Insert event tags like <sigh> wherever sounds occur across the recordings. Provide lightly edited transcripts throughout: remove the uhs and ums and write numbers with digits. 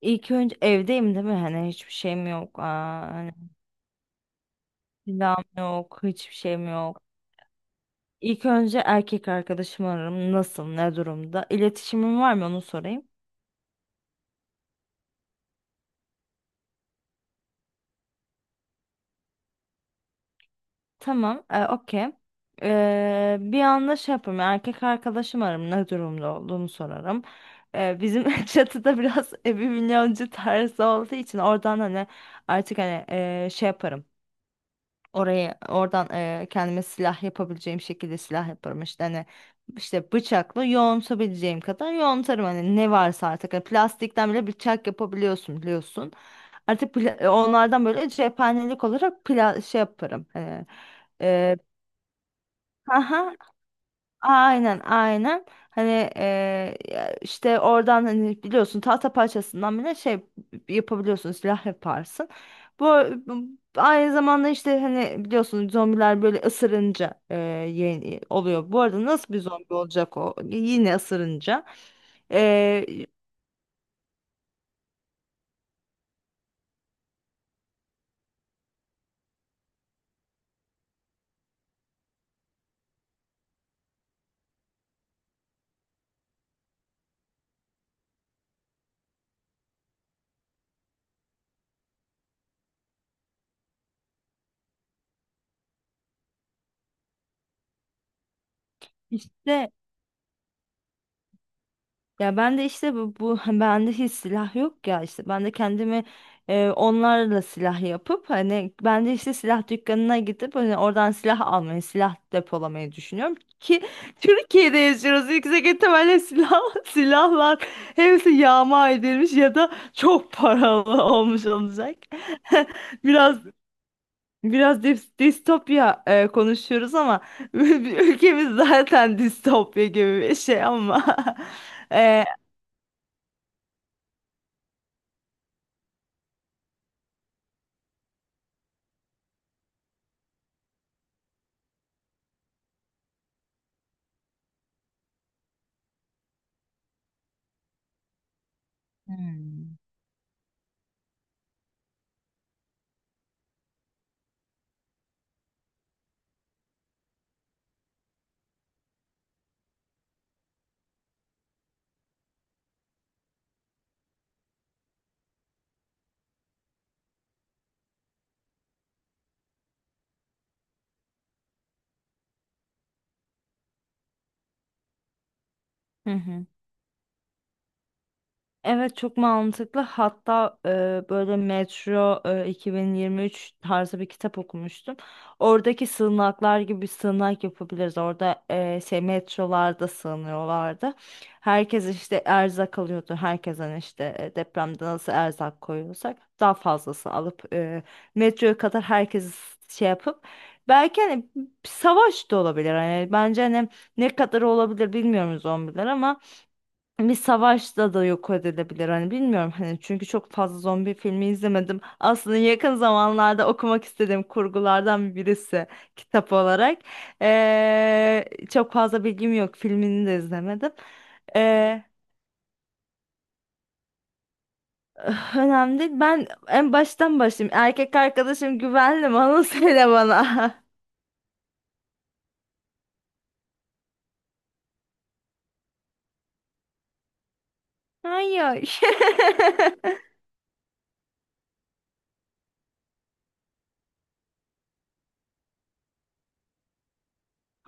İlk önce evdeyim, değil mi? Hani hiçbir şeyim yok. Hani silahım yok, hiçbir şeyim yok. İlk önce erkek arkadaşımı ararım. Nasıl, ne durumda? İletişimim var mı, onu sorayım. Tamam, okey. Bir anda şey yaparım. Erkek arkadaşım ararım. Ne durumda olduğumu sorarım. Bizim <laughs> çatıda biraz evi milyoncu tarzı olduğu için oradan hani artık hani şey yaparım. Oradan kendime silah yapabileceğim şekilde silah yaparım işte hani işte bıçakla yoğuntabileceğim kadar yoğuntarım hani ne varsa artık. Hani plastikten bile bıçak yapabiliyorsun, biliyorsun. Artık onlardan böyle cephanelik olarak pla şey yaparım. Eee, aha, Aynen aynen, hani, ya işte oradan hani biliyorsun tahta parçasından bile şey yapabiliyorsun, silah yaparsın. Bu bu- Aynı zamanda işte hani biliyorsun zombiler böyle ısırınca yeni oluyor. Bu arada nasıl bir zombi olacak o? Yine ısırınca. Eee işte ya ben de işte bu <laughs> bende hiç silah yok ya, işte ben de kendimi onlarla silah yapıp hani ben de işte silah dükkanına gidip hani oradan silah almayı, silah depolamayı düşünüyorum ki <laughs> Türkiye'de yaşıyoruz, yüksek ihtimalle silah <laughs> silahlar hepsi yağma edilmiş ya da çok paralı <laughs> olmuş olacak. <laughs> biraz biraz distopya konuşuyoruz ama <laughs> ülkemiz zaten distopya gibi bir şey ama. <laughs> e, Hı hı. Evet, çok mantıklı. Hatta böyle Metro 2023 tarzı bir kitap okumuştum. Oradaki sığınaklar gibi bir sığınak yapabiliriz. Orada şey, metrolarda sığınıyorlardı. Herkes işte erzak alıyordu. Herkesten işte depremde nasıl erzak koyuyorsak daha fazlası alıp, metroya kadar herkesi şey yapıp, belki hani savaş da olabilir. Hani bence hani ne kadar olabilir bilmiyoruz zombiler ama bir savaşta da yok edilebilir hani, bilmiyorum hani, çünkü çok fazla zombi filmi izlemedim. Aslında yakın zamanlarda okumak istediğim kurgulardan birisi, kitap olarak. Ee, Çok fazla bilgim yok, filmini de izlemedim. Ee, Önemli değil. Ben en baştan başlayayım. Erkek arkadaşım güvenli mi? Onu söyle bana. <laughs> Hayır. <laughs>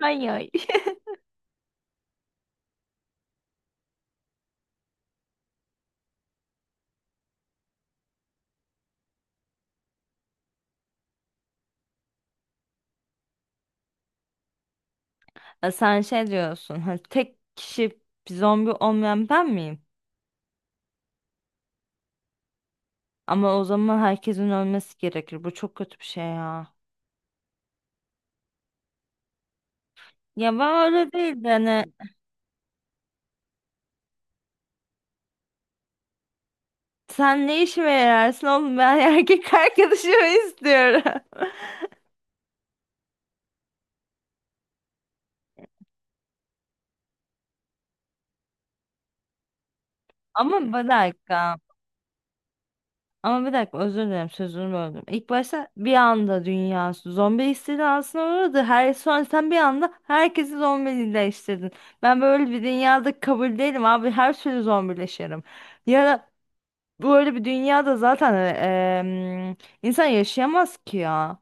Hayır. Ha, sen şey diyorsun, hani tek kişi zombi olmayan ben miyim? Ama o zaman herkesin ölmesi gerekir. Bu çok kötü bir şey ya. Ya ben öyle değil de hani sen ne işime yararsın oğlum, ben <laughs> erkek arkadaşımı istiyorum. <laughs> Ama bir dakika. Ama bir dakika, özür dilerim sözünü böldüm. İlk başta bir anda dünya zombi istilasına uğradı. Her, sonra sen bir anda herkesi zombileştirdin. Ben böyle bir dünyada kabul değilim abi. Her türlü zombileşirim. Ya da böyle bir dünyada zaten em, insan yaşayamaz ki ya.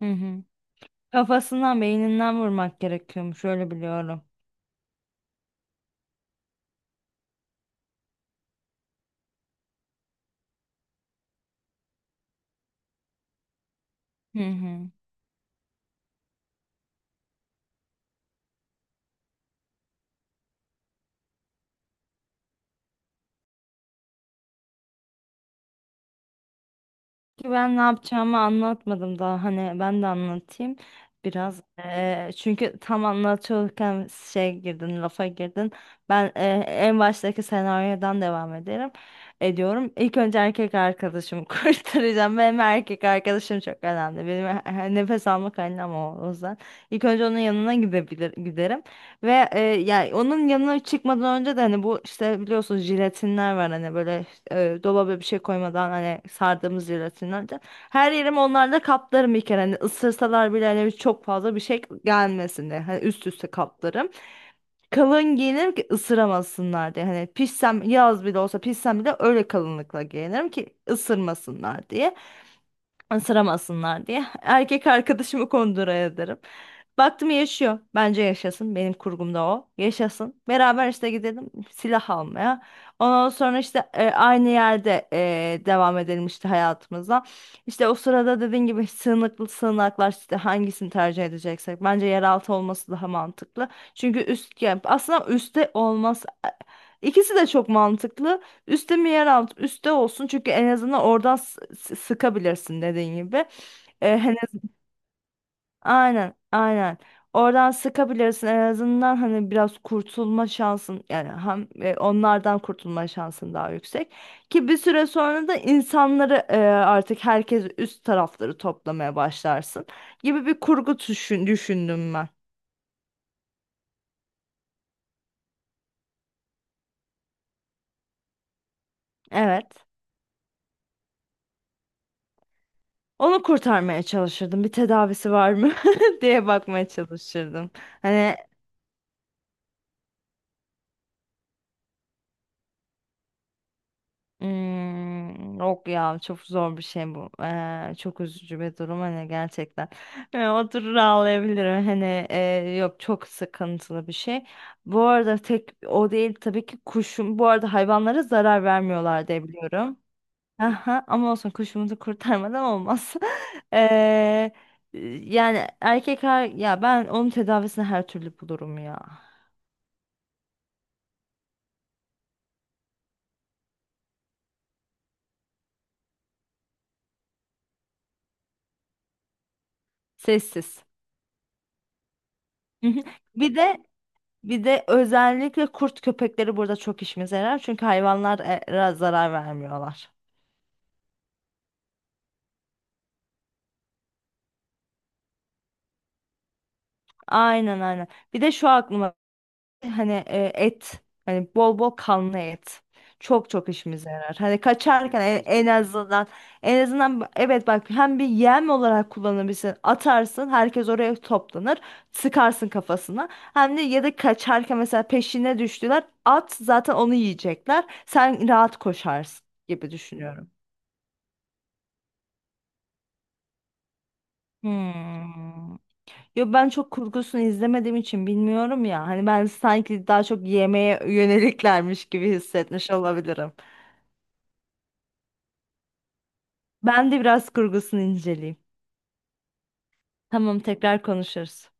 Hı hı. Kafasından, beyninden vurmak gerekiyormuş, öyle biliyorum. Hı hı. Ki ben ne yapacağımı anlatmadım daha, hani ben de anlatayım biraz. Çünkü tam anlatıyorken şey girdin, lafa girdin. Ben en baştaki senaryodan devam ederim. Ediyorum. İlk önce erkek arkadaşımı <laughs> kurtaracağım. Benim erkek arkadaşım çok önemli. Benim nefes alma kaynağım o, o yüzden. İlk önce onun yanına giderim. Ve yani onun yanına çıkmadan önce de hani bu işte biliyorsunuz jelatinler var hani böyle dolaba bir şey koymadan hani sardığımız jelatinler de. Her yerimi onlarla kaplarım bir kere, hani ısırsalar bile hani çok fazla bir şey gelmesin diye hani üst üste kaplarım. Kalın giyinirim ki ısıramasınlar diye, hani pişsem, yaz bile olsa pişsem bile öyle kalınlıkla giyinirim ki ısırmasınlar diye ısıramasınlar diye. Erkek arkadaşımı kondura ederim. Baktım yaşıyor. Bence yaşasın. Benim kurgumda o. Yaşasın. Beraber işte gidelim silah almaya. Ondan sonra işte aynı yerde devam edelim işte hayatımıza. İşte o sırada dediğin gibi sığınaklar, işte hangisini tercih edeceksek. Bence yeraltı olması daha mantıklı. Çünkü üst, yani aslında üstte olmaz. İkisi de çok mantıklı. Üste mi, yer alt? Üste olsun, çünkü en azından oradan sıkabilirsin dediğin gibi. Hani, aynen aynen. Oradan sıkabilirsin en azından, hani biraz kurtulma şansın, yani hem onlardan kurtulma şansın daha yüksek. Ki bir süre sonra da insanları artık herkes üst tarafları toplamaya başlarsın gibi bir kurgu düşündüm ben. Evet. Onu kurtarmaya çalışırdım. Bir tedavisi var mı <laughs> diye bakmaya çalışırdım. Hani hmm, yok ya, çok zor bir şey bu. Çok üzücü bir durum hani, gerçekten. Oturur ağlayabilirim. Hani yok, çok sıkıntılı bir şey. Bu arada tek o değil tabii ki, kuşum. Bu arada hayvanlara zarar vermiyorlar diye biliyorum. Aha, ama olsun, kuşumuzu kurtarmadan olmaz. <laughs> Ee, Yani ya ben onun tedavisini her türlü bulurum ya. Sessiz. <laughs> Bir de Bir de özellikle kurt köpekleri burada çok işimize yarar. Çünkü hayvanlara zarar vermiyorlar. Aynen aynen. Bir de şu aklıma, hani et. Hani bol bol kanlı et. Çok çok işimize yarar. Hani kaçarken en azından en azından evet bak, hem bir yem olarak kullanabilirsin. Atarsın, herkes oraya toplanır. Sıkarsın kafasına. Hem de, ya da kaçarken mesela peşine düştüler. At, zaten onu yiyecekler. Sen rahat koşarsın gibi düşünüyorum. Hmm. Yo, ben çok kurgusunu izlemediğim için bilmiyorum ya. Hani ben sanki daha çok yemeğe yöneliklermiş gibi hissetmiş olabilirim. Ben de biraz kurgusunu inceleyeyim. Tamam, tekrar konuşuruz.